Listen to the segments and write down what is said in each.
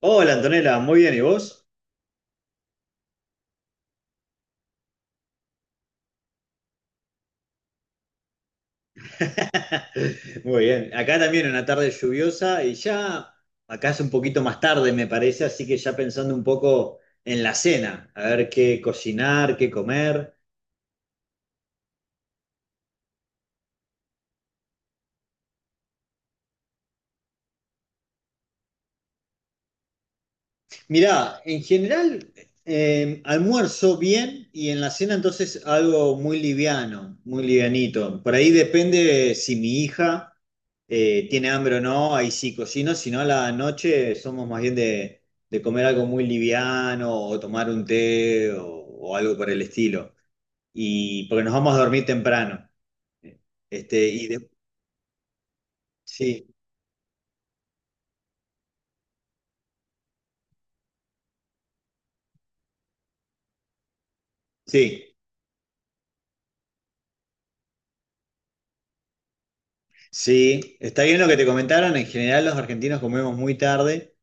Hola Antonella, muy bien, ¿y vos? Muy bien, acá también una tarde lluviosa y ya acá es un poquito más tarde me parece, así que ya pensando un poco en la cena, a ver qué cocinar, qué comer. Mirá, en general almuerzo bien y en la cena entonces algo muy liviano, muy livianito. Por ahí depende si mi hija tiene hambre o no, ahí sí cocino, si no a la noche somos más bien de comer algo muy liviano o tomar un té o algo por el estilo. Y porque nos vamos a dormir temprano. Este, y de- sí, sí, sí. Está bien lo que te comentaron, en general los argentinos comemos muy tarde.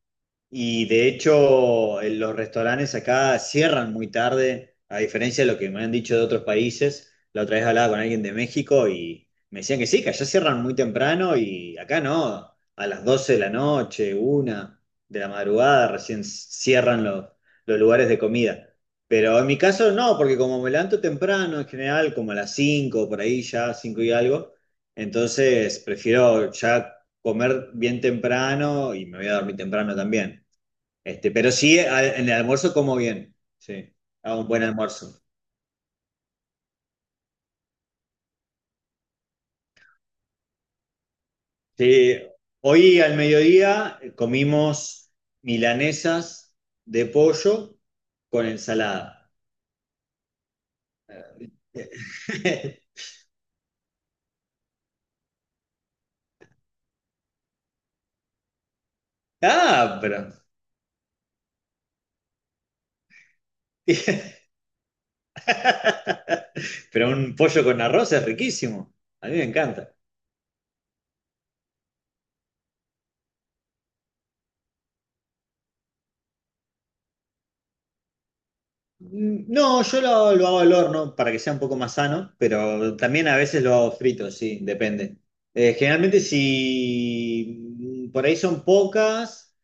Y de hecho, en los restaurantes acá cierran muy tarde, a diferencia de lo que me han dicho de otros países. La otra vez hablaba con alguien de México y me decían que sí, que allá cierran muy temprano y acá no, a las 12 de la noche, 1 de la madrugada recién cierran los lugares de comida. Pero en mi caso no, porque como me levanto temprano en general, como a las 5 por ahí ya, 5 y algo, entonces prefiero ya comer bien temprano y me voy a dormir temprano también. Pero sí, en el almuerzo como bien. Sí, hago un buen almuerzo. Sí, hoy al mediodía comimos milanesas de pollo con ensalada. Ah, pero. Pero un pollo con arroz es riquísimo. A mí me encanta. No, yo lo hago al horno para que sea un poco más sano, pero también a veces lo hago frito, sí, depende. Generalmente si por ahí son pocas,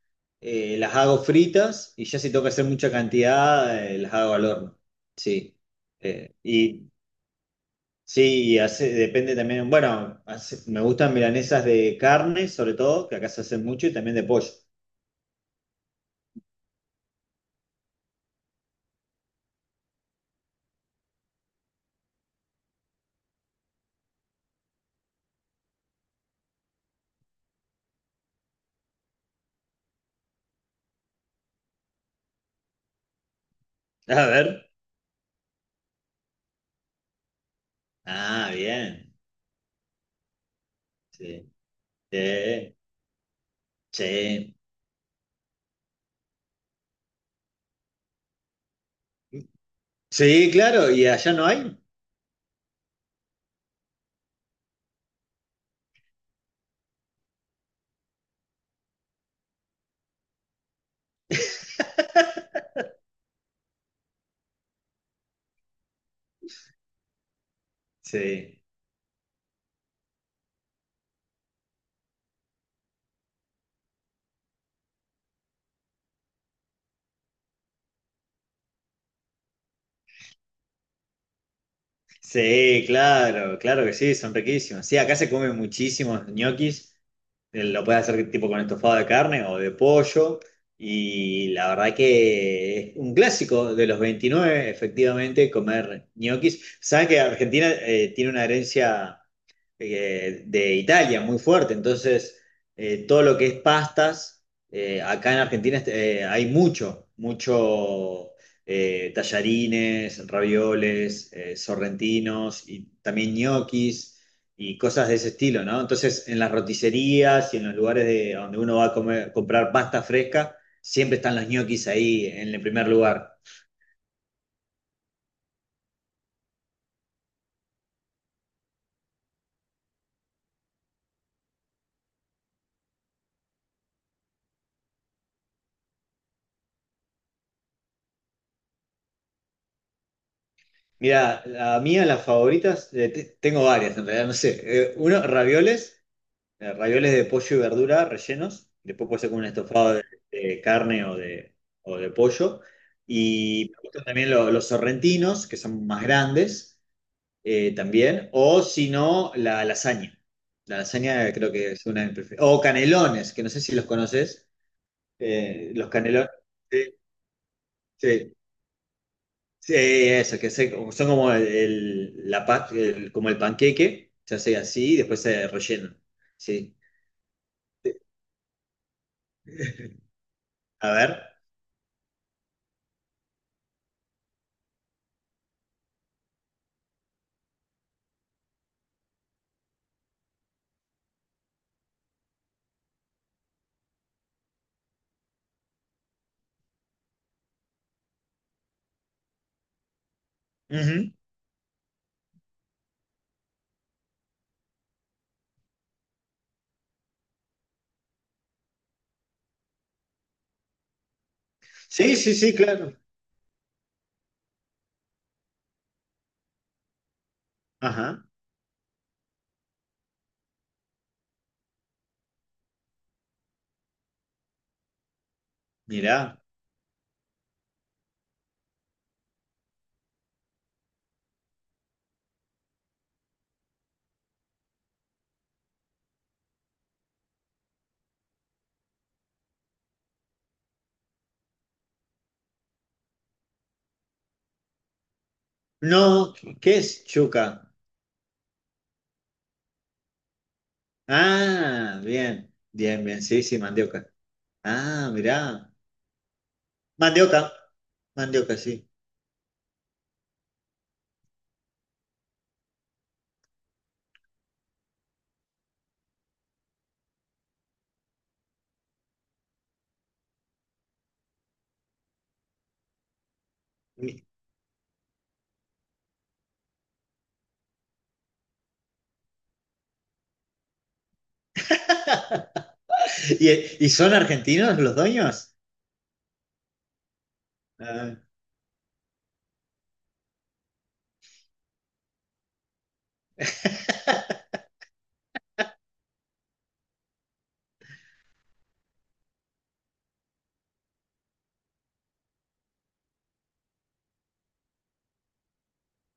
las hago fritas y ya si tengo que hacer mucha cantidad, las hago al horno, sí. Y sí, depende también, bueno, me gustan milanesas de carne, sobre todo, que acá se hacen mucho, y también de pollo. A ver. Ah, bien. Sí. Sí. Sí. Sí, claro, ¿y allá no hay? Sí, sí, claro, claro que sí, son riquísimos. Sí, acá se comen muchísimos ñoquis, lo puedes hacer tipo con estofado de carne o de pollo, y la verdad que es un clásico de los 29. Efectivamente, comer ñoquis. Saben que Argentina tiene una herencia de Italia, muy fuerte. Entonces, todo lo que es pastas, acá en Argentina hay mucho, mucho tallarines, ravioles, sorrentinos y también ñoquis y cosas de ese estilo, ¿no? Entonces, en las roticerías y en los lugares de, donde uno va a comprar pasta fresca, siempre están los ñoquis ahí en el primer lugar. Mira, la mía, las favoritas, tengo varias en realidad, no sé. Uno, ravioles. Ravioles de pollo y verdura rellenos. Después puede ser con un estofado de carne o de pollo. Y me gustan también los sorrentinos, que son más grandes también. O si no, la lasaña. La lasaña creo que es una de mis preferidas. O canelones, que no sé si los conoces. Los canelones. Sí, sí, sí, eso, que son como como el panqueque. Se hace así y después se rellena. Sí. A ver. Ujú. Sí, sí, sí, claro. Ajá, mirá. No, ¿qué es chuca? Ah, bien, bien, bien, sí, sí, mandioca. Ah, mirá. Mandioca, mandioca, sí. ¿Y, y son argentinos los dueños? Ah,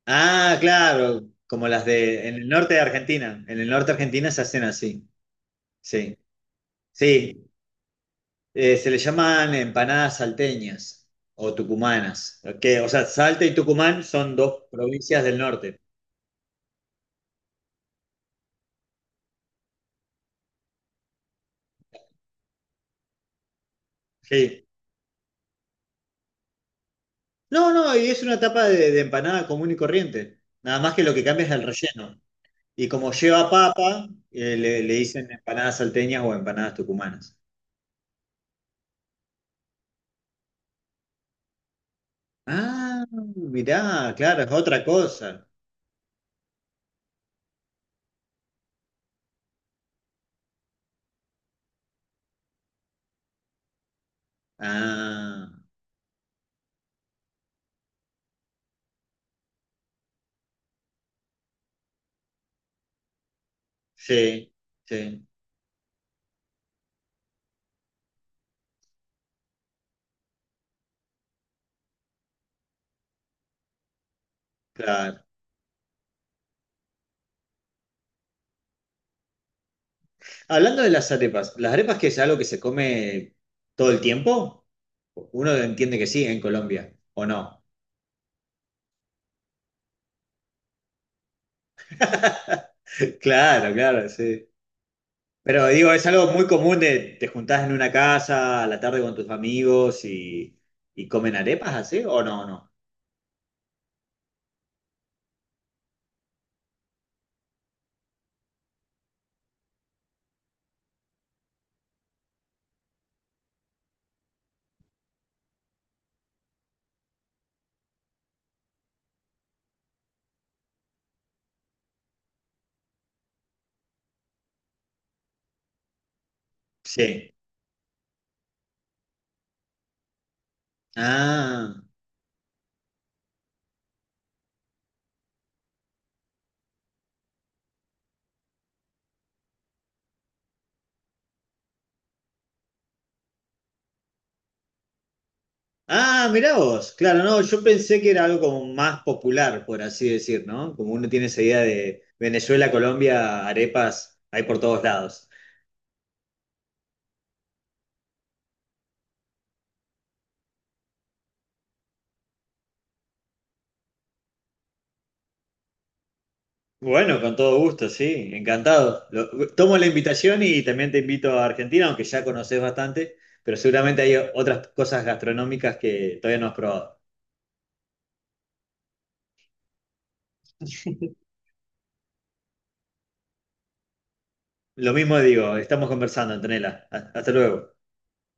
ah, claro, como las de en el norte de Argentina. En el norte de Argentina se hacen así, sí. Sí, se le llaman empanadas salteñas o tucumanas. Que, o sea, Salta y Tucumán son dos provincias del norte. Sí. No, no, y es una tapa de empanada común y corriente. Nada más que lo que cambia es el relleno. Y como lleva papa, le dicen empanadas salteñas o empanadas tucumanas. Ah, mirá, claro, es otra cosa. Ah, sí, sí, claro. Hablando de ¿las arepas que es algo que se come todo el tiempo? Uno entiende que sí en Colombia, ¿o no? Claro, claro, sí. Pero digo, es algo muy común de te juntás en una casa a la tarde con tus amigos y comen arepas así, ¿o no? No. Sí. Ah. Ah, mirá vos. Claro, no, yo pensé que era algo como más popular, por así decir, ¿no? Como uno tiene esa idea de Venezuela, Colombia, arepas hay por todos lados. Bueno, con todo gusto, sí, encantado. Tomo la invitación y también te invito a Argentina, aunque ya conoces bastante, pero seguramente hay otras cosas gastronómicas que todavía no has probado. Lo mismo digo, estamos conversando, Antonella. Hasta luego.